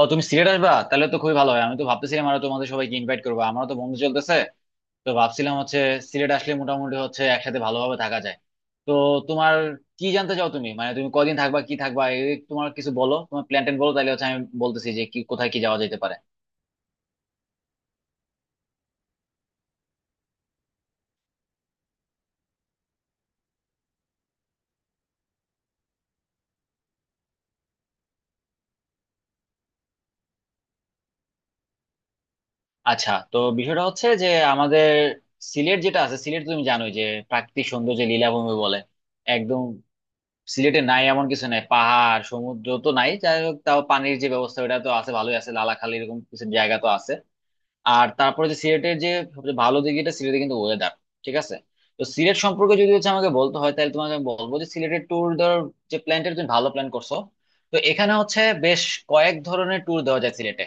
ও তুমি সিলেট আসবা তাহলে তো খুবই ভালো হয়। আমি তো ভাবতেছিলাম আরো তোমাদের সবাইকে ইনভাইট করবো, আমারও তো বন্ধু চলতেছে তো ভাবছিলাম হচ্ছে সিলেট আসলে মোটামুটি হচ্ছে একসাথে ভালোভাবে থাকা যায়। তো তোমার কি জানতে চাও তুমি, মানে তুমি কদিন থাকবা কি থাকবা এই তোমার কিছু বলো, তোমার প্ল্যান ট্যান বলো তাহলে হচ্ছে আমি বলতেছি যে কি কোথায় কি যাওয়া যেতে পারে। আচ্ছা তো বিষয়টা হচ্ছে যে আমাদের সিলেট যেটা আছে সিলেট তুমি জানোই যে প্রাকৃতিক সৌন্দর্যে লীলাভূমি বলে একদম সিলেটে নাই এমন কিছু নাই, পাহাড় সমুদ্র তো নাই, যাই হোক তাও পানির যে ব্যবস্থা ওটা তো আছে ভালোই আছে, লালাখালি এরকম কিছু জায়গা তো আছে। আর তারপরে যে সিলেটের যে সবচেয়ে ভালো দিক যেটা সিলেটে কিন্তু ওয়েদার ঠিক আছে। তো সিলেট সম্পর্কে যদি হচ্ছে আমাকে বলতে হয় তাহলে তোমাকে আমি বলবো যে সিলেটের ট্যুর ধর, যে প্ল্যানটা তুমি ভালো প্ল্যান করছো। তো এখানে হচ্ছে বেশ কয়েক ধরনের ট্যুর দেওয়া যায় সিলেটে।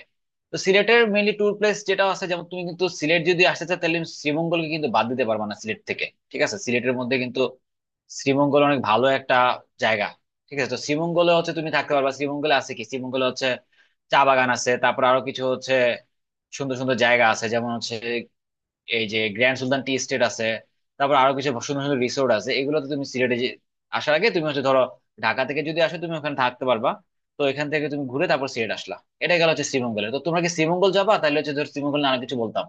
তো সিলেটের মেইনলি ট্যুর প্লেস যেটা আছে, যেমন তুমি কিন্তু সিলেট যদি আসতে চাও তাহলে তুমি শ্রীমঙ্গলকে কিন্তু বাদ দিতে পারবা না সিলেট থেকে, ঠিক আছে, সিলেটের মধ্যে কিন্তু শ্রীমঙ্গল অনেক ভালো একটা জায়গা, ঠিক আছে। তো শ্রীমঙ্গলে হচ্ছে তুমি থাকতে পারবা, শ্রীমঙ্গলে আছে কি, শ্রীমঙ্গলে হচ্ছে চা বাগান আছে, তারপর আরো কিছু হচ্ছে সুন্দর সুন্দর জায়গা আছে, যেমন হচ্ছে এই যে গ্র্যান্ড সুলতান টি এস্টেট আছে, তারপর আরো কিছু সুন্দর সুন্দর রিসোর্ট আছে, এগুলোতে তুমি সিলেটে আসার আগে তুমি হচ্ছে ধরো ঢাকা থেকে যদি আসো তুমি ওখানে থাকতে পারবা। তো এখান থেকে তুমি ঘুরে তারপর সিলেট আসলা। এটা গেল হচ্ছে শ্রীমঙ্গলে। তো তোমরা কি শ্রীমঙ্গল যাবা তাহলে হচ্ছে ধর শ্রীমঙ্গল নিয়ে অনেক কিছু বলতাম।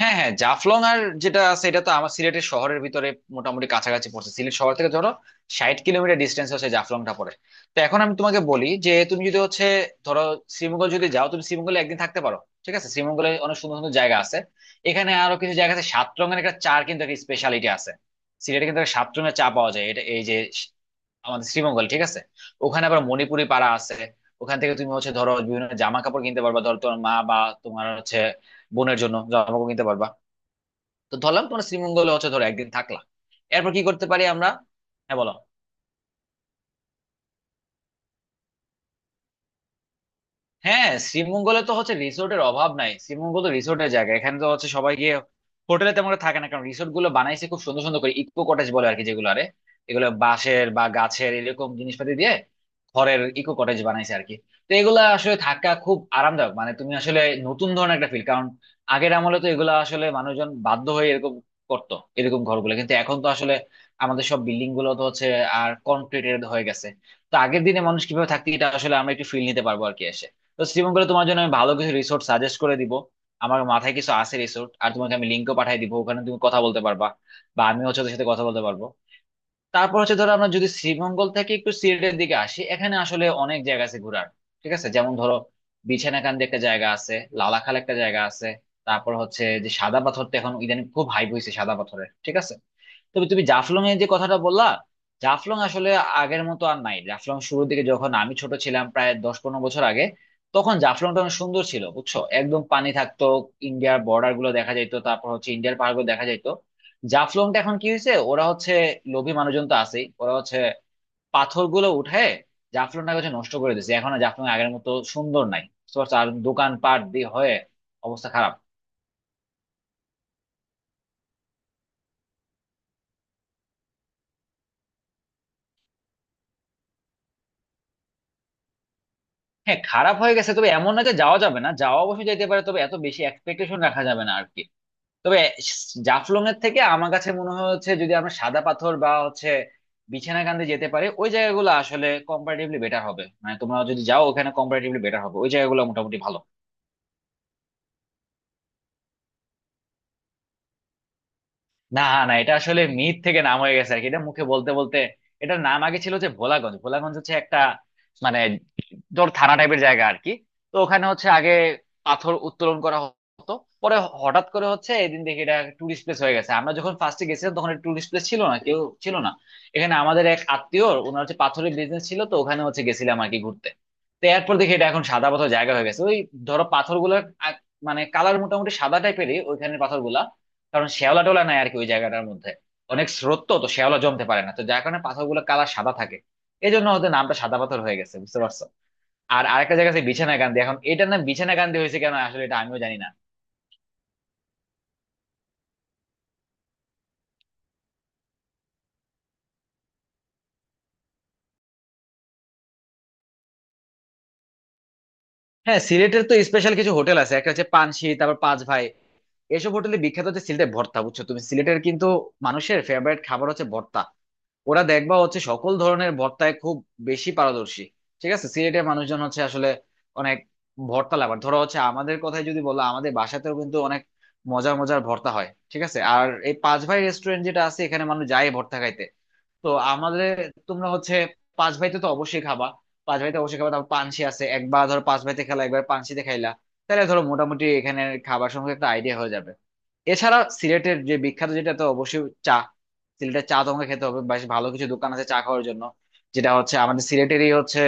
হ্যাঁ হ্যাঁ, জাফলং আর যেটা আছে এটা তো আমার সিলেটের শহরের ভিতরে মোটামুটি কাছাকাছি পড়ছে, সিলেট শহর থেকে ধরো 60 কিলোমিটার ডিস্টেন্স হচ্ছে জাফলংটা পড়ে। তো এখন আমি তোমাকে বলি যে তুমি যদি হচ্ছে ধরো শ্রীমঙ্গল যদি যাও তুমি শ্রীমঙ্গলে একদিন থাকতে পারো, ঠিক আছে, শ্রীমঙ্গলে অনেক সুন্দর সুন্দর জায়গা আছে, এখানে আরো কিছু জায়গা আছে, সাত রঙের একটা চার কিন্তু একটা স্পেশালিটি আছে সিলেটে, কিন্তু একটা সাত রঙের চা পাওয়া যায়, এটা এই যে আমাদের শ্রীমঙ্গল, ঠিক আছে। ওখানে আবার মণিপুরি পাড়া আছে, ওখান থেকে তুমি হচ্ছে ধরো বিভিন্ন জামা কাপড় কিনতে পারবা, ধরো তোমার মা বা তোমার হচ্ছে বোনের জন্য জামা কাপড় কিনতে পারবা। তো ধরলাম তোমরা শ্রীমঙ্গলে হচ্ছে ধরো একদিন থাকলা, এরপর কি করতে পারি আমরা। হ্যাঁ বলো। হ্যাঁ শ্রীমঙ্গলে তো হচ্ছে রিসোর্টের অভাব নাই, শ্রীমঙ্গল তো রিসোর্টের জায়গা, এখানে তো হচ্ছে সবাই গিয়ে হোটেলে তেমন একটা থাকে না কারণ রিসোর্ট গুলো বানাইছে খুব সুন্দর সুন্দর করে, ইকো কটেজ বলে আর কি যেগুলো, আরে এগুলো বাঁশের বা গাছের এরকম জিনিসপাতি দিয়ে ঘরের ইকো কটেজ বানাইছে আর কি। তো এগুলা আসলে থাকা খুব আরামদায়ক, মানে তুমি আসলে নতুন ধরনের একটা ফিল, কারণ আগের আমলে তো এগুলা আসলে মানুষজন বাধ্য হয়ে এরকম করতো এরকম ঘরগুলো, কিন্তু এখন তো আসলে আমাদের সব বিল্ডিং গুলো তো হচ্ছে আর কনক্রিটেড হয়ে গেছে। তো আগের দিনে মানুষ কিভাবে থাকতো এটা আসলে আমরা একটু ফিল নিতে পারবো আর কি। তো শ্রীমঙ্গলে তোমার জন্য আমি ভালো কিছু রিসোর্ট সাজেস্ট করে দিব, আমার মাথায় কিছু আছে রিসোর্ট, আর তোমাকে আমি লিঙ্কও পাঠিয়ে দিব, ওখানে তুমি কথা বলতে পারবা বা আমি হচ্ছে ওদের সাথে কথা বলতে পারবো। তারপর হচ্ছে ধরো আমরা যদি শ্রীমঙ্গল থেকে একটু সিলেটের দিকে আসি, এখানে আসলে অনেক জায়গা আছে ঘোরার, ঠিক আছে, যেমন ধরো বিছানাকান্দি একটা জায়গা আছে, লালাখাল একটা জায়গা আছে, তারপর হচ্ছে যে সাদা পাথরটা এখন ইদানিং খুব হাইপ হয়েছে সাদা পাথরের, ঠিক আছে। তবে তুমি জাফলং এর যে কথাটা বললা, জাফলং আসলে আগের মতো আর নাই। জাফলং শুরুর দিকে যখন আমি ছোট ছিলাম, প্রায় 10-15 বছর আগে, তখন জাফলংটা অনেক সুন্দর ছিল, বুঝছো, একদম পানি থাকতো, ইন্ডিয়ার বর্ডার গুলো দেখা যাইতো, তারপর হচ্ছে ইন্ডিয়ার পাহাড় গুলো দেখা যাইতো। জাফলংটা এখন কি হয়েছে, ওরা হচ্ছে লোভী মানুষজন তো আছেই, ওরা হচ্ছে পাথর গুলো উঠে জাফলংটাকে হচ্ছে নষ্ট করে দিয়েছে, এখন আর জাফলং আগের মতো সুন্দর নাই, বুঝতে পারছো? আর দোকানপাট দিয়ে হয়ে অবস্থা খারাপ। হ্যাঁ খারাপ হয়ে গেছে, তবে এমন না যে যাওয়া যাবে না, যাওয়া অবশ্যই যেতে পারে, তবে এত বেশি এক্সপেকটেশন রাখা যাবে না আর কি। তবে জাফলং এর থেকে আমার কাছে মনে হচ্ছে যদি আমরা সাদা পাথর বা হচ্ছে বিছানাকান্দি যেতে পারি, ওই জায়গাগুলো আসলে কম্পারেটিভলি বেটার হবে, মানে তোমরা যদি যাও ওখানে কম্পারেটিভলি বেটার হবে, ওই জায়গাগুলো মোটামুটি ভালো। না, না এটা আসলে মিথ থেকে নাম হয়ে গেছে আর কি, এটা মুখে বলতে বলতে। এটার নাম আগে ছিল যে ভোলাগঞ্জ, ভোলাগঞ্জ হচ্ছে একটা মানে ধর থানা টাইপের জায়গা আর কি। তো ওখানে হচ্ছে আগে পাথর উত্তোলন করা হতো, পরে হঠাৎ করে হচ্ছে এদিন দেখি এটা টুরিস্ট প্লেস হয়ে গেছে। আমরা যখন ফার্স্টে গেছিলাম তখন টুরিস্ট প্লেস ছিল না, কেউ ছিল না, এখানে আমাদের এক আত্মীয় ওনার হচ্ছে পাথরের বিজনেস ছিল, তো ওখানে হচ্ছে গেছিলাম আর কি ঘুরতে। তো এরপর দেখি এটা এখন সাদা পাথর জায়গা হয়ে গেছে, ওই ধরো পাথরগুলো মানে কালার মোটামুটি সাদা টাইপেরই ওইখানের পাথরগুলা, কারণ শ্যাওলা টোলা নাই আর কি ওই জায়গাটার মধ্যে, অনেক স্রোত তো তো শ্যাওলা জমতে পারে না, তো যার কারণে পাথরগুলো কালার সাদা থাকে, এই জন্য ওদের নামটা সাদা পাথর হয়ে গেছে, বুঝতে পারছো। আর আরেকটা জায়গা আছে বিছানা গান্ধী, এখন এটার নাম বিছানা গান্ধী হয়েছে কেন আসলে এটা আমিও জানি না। হ্যাঁ সিলেটের তো স্পেশাল কিছু হোটেল আছে, একটা হচ্ছে পানসি, তারপর পাঁচ ভাই। এসব হোটেলে বিখ্যাত হচ্ছে সিলেটের ভর্তা, বুঝছো, তুমি সিলেটের কিন্তু মানুষের ফেভারিট খাবার হচ্ছে ভর্তা, ওরা দেখবা হচ্ছে সকল ধরনের ভর্তায় খুব বেশি পারদর্শী, ঠিক আছে। সিলেটের মানুষজন হচ্ছে আসলে অনেক ভর্তা লাভার, ধরো হচ্ছে আমাদের কথাই যদি বলো আমাদের বাসাতেও কিন্তু অনেক মজার মজার ভর্তা হয়, ঠিক আছে, আর এই পাঁচ ভাই রেস্টুরেন্ট যেটা আছে এখানে মানুষ যায় ভর্তা খাইতে। তো আমাদের তোমরা হচ্ছে পাঁচ ভাইতে তো অবশ্যই খাবা, পাঁচ ভাইতে অবশ্যই খাবা, তারপর পানসি আছে, একবার ধরো পাঁচ ভাইতে খেলা একবার পানসিতে খাইলা, তাহলে ধরো মোটামুটি এখানে খাবার সম্পর্কে একটা আইডিয়া হয়ে যাবে। এছাড়া সিলেটের যে বিখ্যাত যেটা তো অবশ্যই চা, সিলেটের চা তোমাকে খেতে হবে, বেশ ভালো কিছু দোকান আছে চা খাওয়ার জন্য, যেটা হচ্ছে আমাদের সিলেটেরই হচ্ছে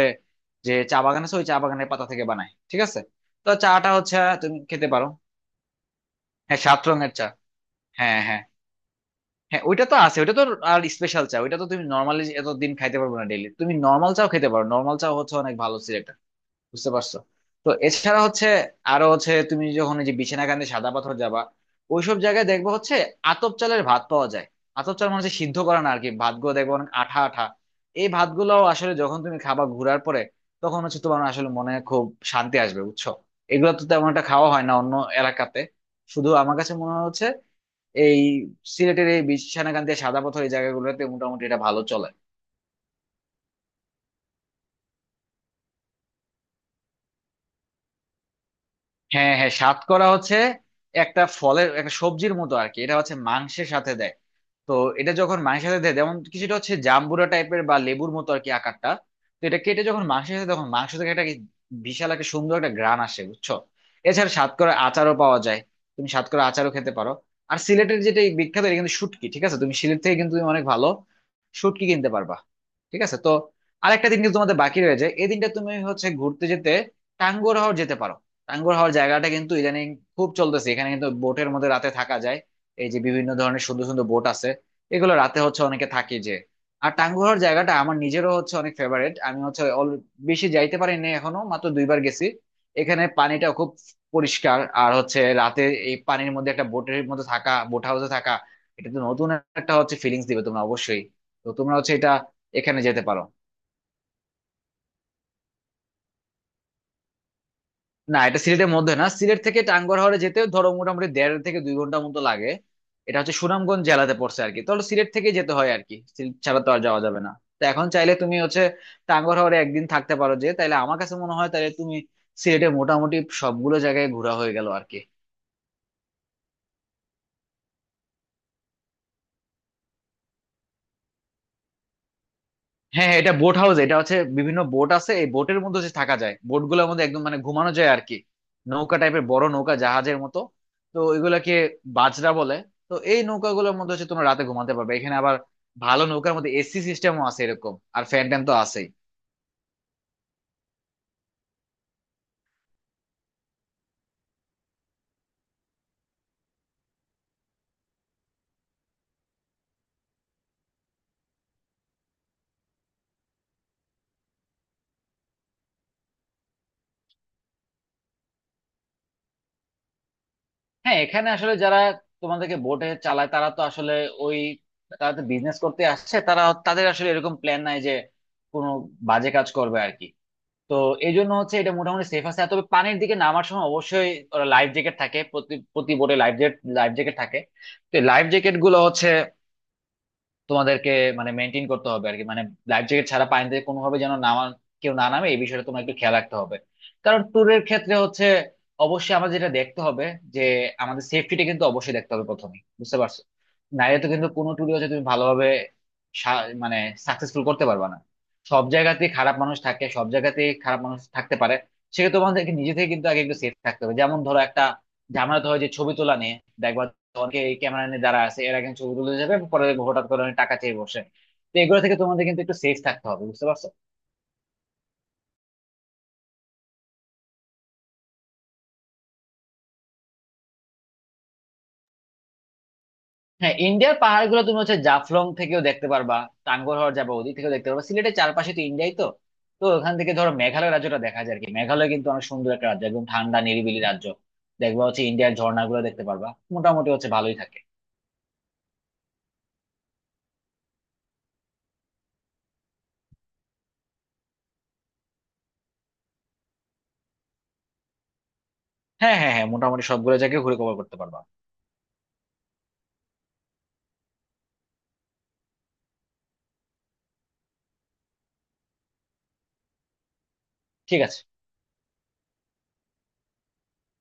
যে চা বাগান আছে ওই চা বাগানের পাতা থেকে বানায়, ঠিক আছে, তো চাটা হচ্ছে তুমি খেতে পারো। হ্যাঁ সাত রঙের চা। হ্যাঁ হ্যাঁ হ্যাঁ, ওইটা তো আছে ওইটা তো। আর স্পেশাল চা ওইটা তো তুমি নর্মালি এতদিন খাইতে পারবে না, ডেইলি তুমি নর্মাল চাও খেতে পারো, নর্মাল চা হচ্ছে অনেক ভালো সিলেক্টর, বুঝতে পারছো। তো এছাড়া হচ্ছে আরো হচ্ছে তুমি যখন এই যে বিছনাকান্দি সাদা পাথর যাবা, ওইসব জায়গায় দেখবো হচ্ছে আতপ চালের ভাত পাওয়া যায়, আতপ চাল মানে হচ্ছে সিদ্ধ করা না আর কি, ভাতগুলো দেখবো অনেক আঠা আঠা, এই ভাতগুলো আসলে যখন তুমি খাবা ঘুরার পরে তখন হচ্ছে তোমার আসলে মনে খুব শান্তি আসবে, বুঝছো, এগুলো তো তেমন একটা খাওয়া হয় না অন্য এলাকাতে, শুধু আমার কাছে মনে হচ্ছে এই সিলেটের এই বিছনাকান্দি সাদা পাথর এই জায়গাগুলোতে মোটামুটি এটা ভালো চলে। হ্যাঁ হ্যাঁ, সাতকরা হচ্ছে একটা ফলের একটা সবজির মতো আর কি, এটা হচ্ছে মাংসের সাথে দেয়। তো এটা যখন মাংসের সাথে দেয় যেমন কিছুটা হচ্ছে জাম্বুরা টাইপের বা লেবুর মতো আর কি আকারটা, তো এটা কেটে যখন মাংসের সাথে তখন মাংস থেকে একটা বিশাল একটা সুন্দর একটা গ্রান আসে, বুঝছো। এছাড়া সাতকরা আচারও পাওয়া যায়, তুমি সাতকরা আচারও খেতে পারো। আর সিলেটের যেটা এই বিখ্যাত এটা কিন্তু শুটকি, ঠিক আছে, তুমি সিলেট থেকে কিন্তু তুমি অনেক ভালো শুটকি কিনতে পারবা, ঠিক আছে। তো আরেকটা দিন কিন্তু তোমাদের বাকি রয়েছে, এই দিনটা তুমি হচ্ছে ঘুরতে যেতে টাঙ্গুয়ার হাওর যেতে পারো, টাঙ্গুয়ার হাওর জায়গাটা কিন্তু ইদানিং খুব চলতেছে, এখানে কিন্তু বোটের মধ্যে রাতে থাকা যায়, এই যে বিভিন্ন ধরনের সুন্দর সুন্দর বোট আছে এগুলো রাতে হচ্ছে অনেকে থাকি যে। আর টাঙ্গুয়ার জায়গাটা আমার নিজেরও হচ্ছে অনেক ফেভারিট, আমি হচ্ছে বেশি যাইতে পারিনি এখনো, মাত্র 2 বার গেছি। এখানে পানিটা খুব পরিষ্কার, আর হচ্ছে রাতে এই পানির মধ্যে একটা বোটের মধ্যে থাকা বোট হাউসে থাকা এটা তো নতুন একটা হচ্ছে ফিলিংস দিবে তোমরা অবশ্যই, তো তোমরা হচ্ছে এটা এখানে যেতে পারো। না এটা সিলেটের মধ্যে না, সিলেট থেকে টাঙ্গুয়ার হাওরে যেতে ধরো মোটামুটি দেড় থেকে 2 ঘন্টা মতো লাগে, এটা হচ্ছে সুনামগঞ্জ জেলাতে পড়ছে আর কি, তাহলে সিলেট থেকে যেতে হয় আর কি, সিলেট ছাড়া তো আর যাওয়া যাবে না। তো এখন চাইলে তুমি হচ্ছে টাঙ্গুয়ার হাওরে একদিন থাকতে পারো, যে তাইলে আমার কাছে মনে হয় তাহলে তুমি সিলেটে মোটামুটি সবগুলো জায়গায় ঘোরা হয়ে গেল আর কি। হ্যাঁ হ্যাঁ, এটা বোট হাউস, এটা হচ্ছে বিভিন্ন বোট আছে এই বোটের মধ্যে হচ্ছে থাকা যায়, বোট গুলোর মধ্যে একদম মানে ঘুমানো যায় আর কি, নৌকা টাইপের বড় নৌকা জাহাজের মতো, তো ওইগুলাকে বাজরা বলে। তো এই নৌকাগুলোর মধ্যে হচ্ছে তোমরা রাতে ঘুমাতে পারবে, এখানে আবার ভালো নৌকার মধ্যে এসি সিস্টেমও আছে এরকম, আর ফ্যান ট্যান তো আছেই। হ্যাঁ এখানে আসলে যারা তোমাদেরকে বোটে চালায় তারা তো আসলে ওই, তারা তো বিজনেস করতে আসছে, তারা তাদের আসলে এরকম প্ল্যান নাই যে কোনো বাজে কাজ করবে আর কি, তো এই জন্য হচ্ছে এটা মোটামুটি সেফ আছে। আর তবে পানির দিকে নামার সময় অবশ্যই লাইফ জ্যাকেট থাকে, প্রতি প্রতি বোটে লাইফ জ্যাকেট থাকে, তো লাইফ জ্যাকেট গুলো হচ্ছে তোমাদেরকে মানে মেনটেন করতে হবে আর কি, মানে লাইফ জ্যাকেট ছাড়া পানিতে কোনোভাবে যেন নামা কেউ না নামে এই বিষয়টা তোমার একটু খেয়াল রাখতে হবে, কারণ ট্যুরের ক্ষেত্রে হচ্ছে অবশ্যই আমাদের যেটা দেখতে হবে যে আমাদের সেফটিটা কিন্তু অবশ্যই দেখতে হবে প্রথমে, বুঝতে পারছো, নাহলে তো কিন্তু কোনো ট্যুরে হচ্ছে তুমি ভালোভাবে মানে সাকসেসফুল করতে পারবে না। সব জায়গাতেই খারাপ মানুষ থাকে, সব জায়গাতেই খারাপ মানুষ থাকতে পারে, সেক্ষেত্রে তোমাদেরকে নিজে থেকে কিন্তু আগে একটু সেফ থাকতে হবে, যেমন ধরো একটা ঝামেলা তো হয় যে ছবি তোলা নিয়ে, দেখবা অনেকে এই ক্যামেরা নিয়ে দাঁড়া আছে, এরা কিন্তু ছবি তুলে যাবে, পরে দেখবো হঠাৎ করে অনেক টাকা চেয়ে বসে, তো এগুলো থেকে তোমাদের কিন্তু একটু সেফ থাকতে হবে, বুঝতে পারছো। হ্যাঁ ইন্ডিয়ার পাহাড় গুলো তুমি হচ্ছে জাফলং থেকেও দেখতে পারবা, টাঙ্গুয়ার যাবে ওদিক থেকেও দেখতে পারবা, সিলেটের চারপাশে তো ইন্ডিয়াই তো, তো ওখান থেকে ধরো মেঘালয় রাজ্যটা দেখা যায় আর কি, মেঘালয় কিন্তু অনেক সুন্দর একটা রাজ্য একদম ঠান্ডা নিরিবিলি রাজ্য, দেখবা হচ্ছে ইন্ডিয়ার ঝর্ণাগুলো দেখতে পারবা, মোটামুটি হচ্ছে ভালোই থাকে। হ্যাঁ হ্যাঁ হ্যাঁ, মোটামুটি সবগুলো জায়গায় ঘুরে কভার করতে পারবা, ঠিক আছে।